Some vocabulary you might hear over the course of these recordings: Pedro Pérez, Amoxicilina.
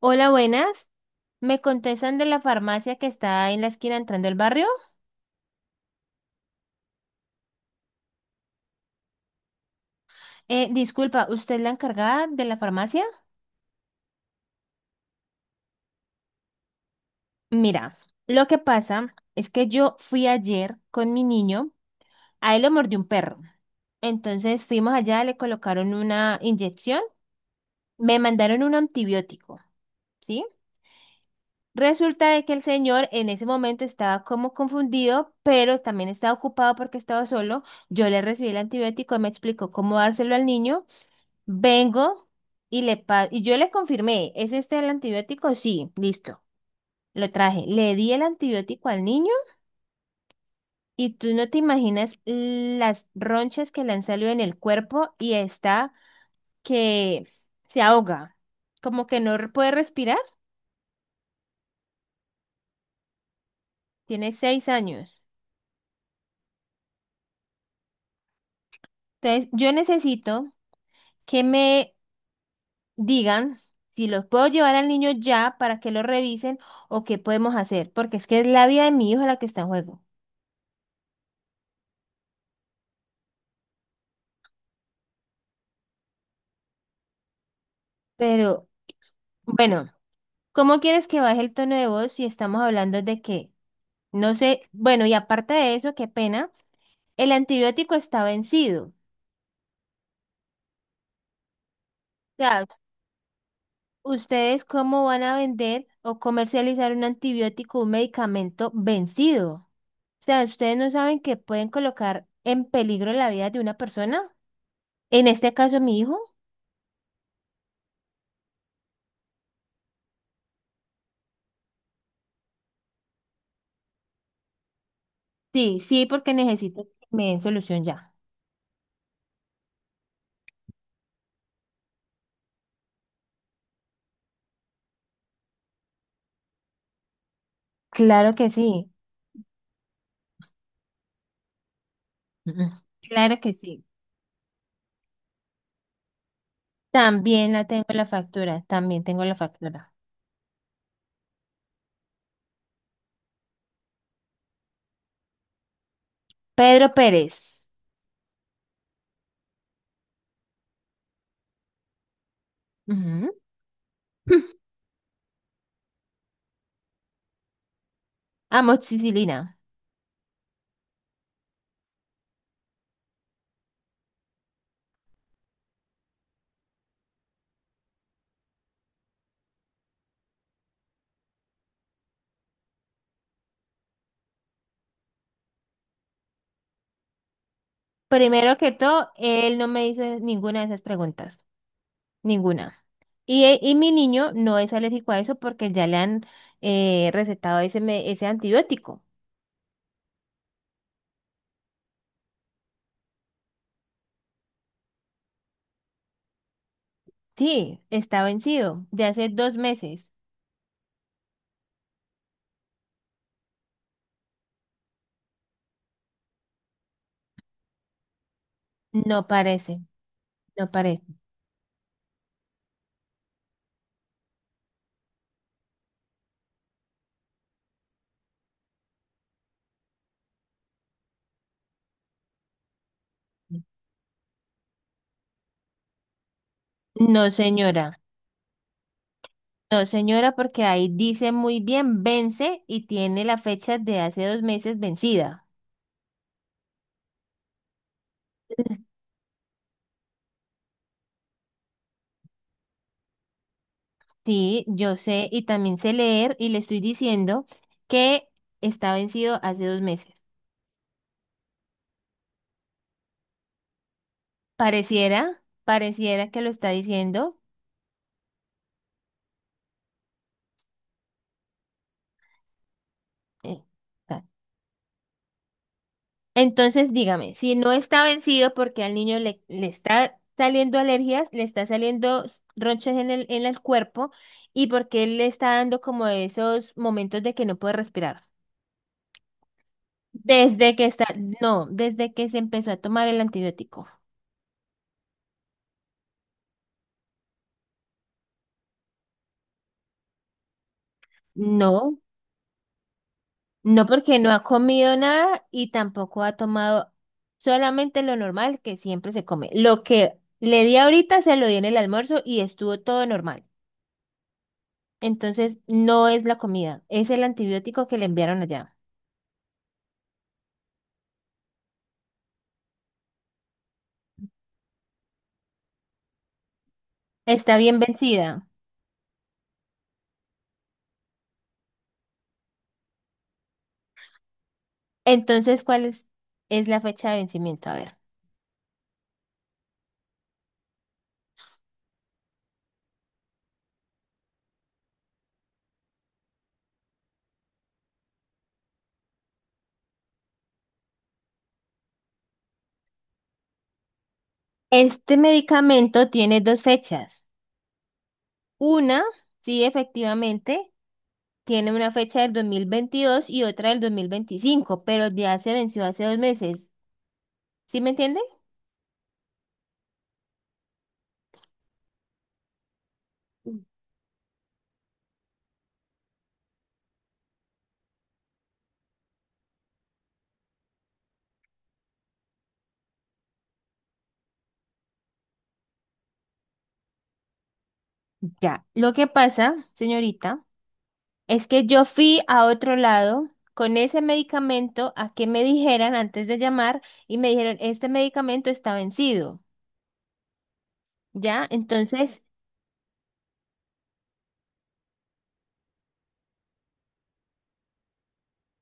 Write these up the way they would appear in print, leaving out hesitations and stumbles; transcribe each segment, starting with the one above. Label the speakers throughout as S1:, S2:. S1: Hola, buenas. ¿Me contestan de la farmacia que está en la esquina entrando al barrio? Disculpa, ¿usted es la encargada de la farmacia? Mira, lo que pasa es que yo fui ayer con mi niño, a él lo mordió un perro. Entonces fuimos allá, le colocaron una inyección, me mandaron un antibiótico, ¿sí? Resulta de que el señor en ese momento estaba como confundido, pero también estaba ocupado porque estaba solo. Yo le recibí el antibiótico, él me explicó cómo dárselo al niño. Vengo y y yo le confirmé, ¿es este el antibiótico? Sí, listo. Lo traje. Le di el antibiótico al niño y tú no te imaginas las ronchas que le han salido en el cuerpo y está que se ahoga, como que no puede respirar. Tiene 6 años. Entonces, yo necesito que me digan si los puedo llevar al niño ya para que lo revisen o qué podemos hacer, porque es que es la vida de mi hijo la que está en juego. Pero bueno. ¿Cómo quieres que baje el tono de voz si estamos hablando de que, no sé, bueno, y aparte de eso, qué pena, el antibiótico está vencido. O sea, ¿ustedes cómo van a vender o comercializar un antibiótico, un medicamento vencido? O sea, ¿ustedes no saben que pueden colocar en peligro la vida de una persona? En este caso, mi hijo. Sí, sí, porque necesito que me den solución ya. Claro que sí. Mm, mm. Claro que sí. También la tengo la factura, también tengo la factura. Pedro Pérez. Ujú. Amoxicilina. Primero que todo, él no me hizo ninguna de esas preguntas. Ninguna. Y mi niño no es alérgico a eso porque ya le han recetado ese antibiótico. Sí, está vencido. De hace 2 meses. No parece, no parece. No, señora. No, señora, porque ahí dice muy bien, vence y tiene la fecha de hace 2 meses vencida. Sí, yo sé y también sé leer y le estoy diciendo que está vencido hace 2 meses. Pareciera, pareciera que lo está diciendo. Eh, ta. Entonces, dígame, si no está vencido porque al niño le está saliendo alergias, le está saliendo ronchas en el cuerpo y porque él le está dando como esos momentos de que no puede respirar. Desde que está, no, desde que se empezó a tomar el antibiótico. No. No porque no ha comido nada y tampoco ha tomado solamente lo normal que siempre se come. Lo que le di ahorita se lo di en el almuerzo y estuvo todo normal. Entonces no es la comida, es el antibiótico que le enviaron allá. Está bien vencida. Entonces, ¿cuál es la fecha de vencimiento? A ver. Este medicamento tiene dos fechas. Una, sí, efectivamente, tiene una fecha del 2022 y otra del 2025, pero ya se venció hace 2 meses. ¿Sí me entiende? Ya, lo que pasa, señorita, es que yo fui a otro lado con ese medicamento a que me dijeran antes de llamar y me dijeron, este medicamento está vencido, ¿ya? Entonces,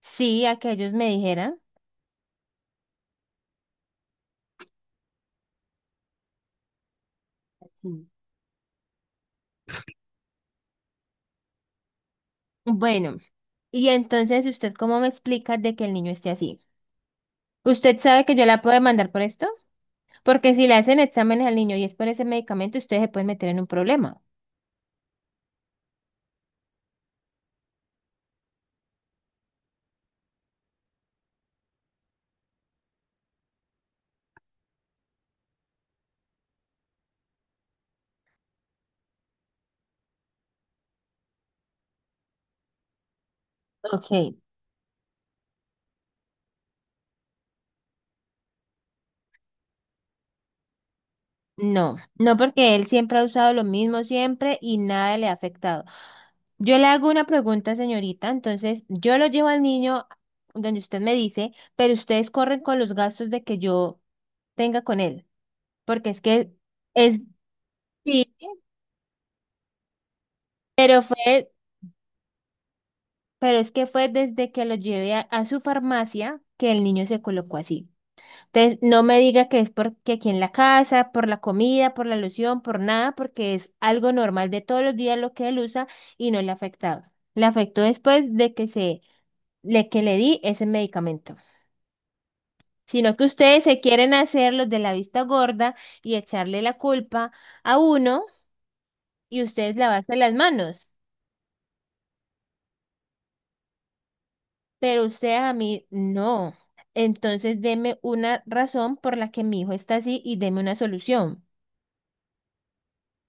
S1: sí, a que ellos me dijeran. Sí. Bueno, y entonces, ¿usted cómo me explica de que el niño esté así? ¿Usted sabe que yo la puedo demandar por esto? Porque si le hacen exámenes al niño y es por ese medicamento, ustedes se pueden meter en un problema. Ok. No, no porque él siempre ha usado lo mismo siempre y nada le ha afectado. Yo le hago una pregunta, señorita, entonces yo lo llevo al niño donde usted me dice, pero ustedes corren con los gastos de que yo tenga con él, porque es que es, sí, pero fue, pero es que fue desde que lo llevé a su farmacia que el niño se colocó así. Entonces, no me diga que es porque aquí en la casa, por la comida, por la alusión, por nada, porque es algo normal de todos los días lo que él usa y no le ha afectado. Le afectó después de le que le di ese medicamento. Sino que ustedes se quieren hacer los de la vista gorda y echarle la culpa a uno y ustedes lavarse las manos. Pero ustedes a mí no. Entonces, deme una razón por la que mi hijo está así y deme una solución.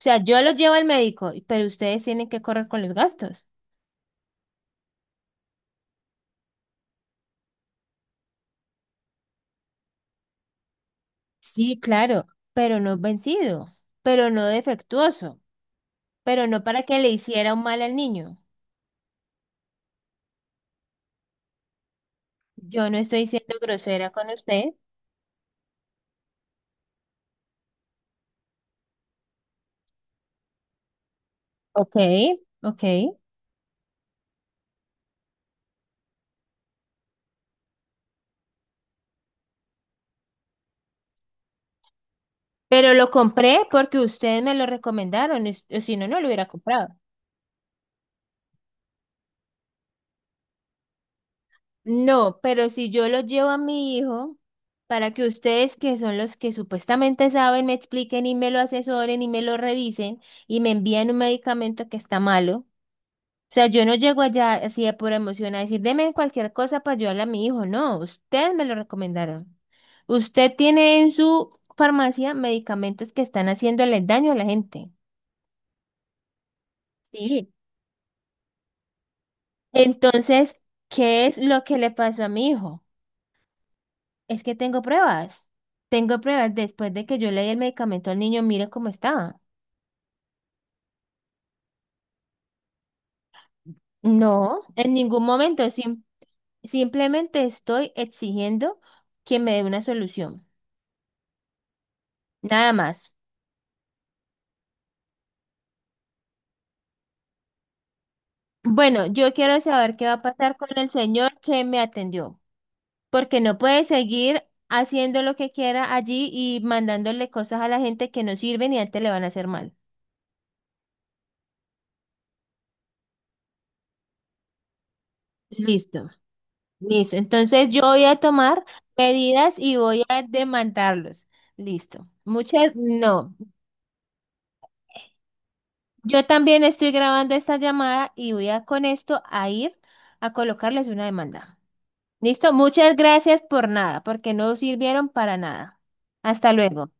S1: O sea, yo los llevo al médico, pero ustedes tienen que correr con los gastos. Sí, claro, pero no vencido, pero no defectuoso, pero no para que le hiciera un mal al niño. Yo no estoy siendo grosera con usted. Ok, ok. Pero lo compré porque ustedes me lo recomendaron, o si no, no lo hubiera comprado. No, pero si yo lo llevo a mi hijo para que ustedes, que son los que supuestamente saben, me expliquen y me lo asesoren y me lo revisen y me envían un medicamento que está malo. O sea, yo no llego allá así de pura emoción a decir, deme cualquier cosa para ayudarle a mi hijo. No, ustedes me lo recomendaron. Usted tiene en su farmacia medicamentos que están haciéndole daño a la gente. Sí. Entonces, ¿qué es lo que le pasó a mi hijo? Es que tengo pruebas. Tengo pruebas después de que yo le di el medicamento al niño, mire cómo está. No, en ningún momento, simplemente estoy exigiendo que me dé una solución. Nada más. Bueno, yo quiero saber qué va a pasar con el señor que me atendió, porque no puede seguir haciendo lo que quiera allí y mandándole cosas a la gente que no sirven y antes le van a hacer mal. Listo, listo. Entonces yo voy a tomar medidas y voy a demandarlos. Listo. Muchas, no. Yo también estoy grabando esta llamada y voy a con esto a ir a colocarles una demanda. Listo. Muchas gracias por nada, porque no sirvieron para nada. Hasta luego.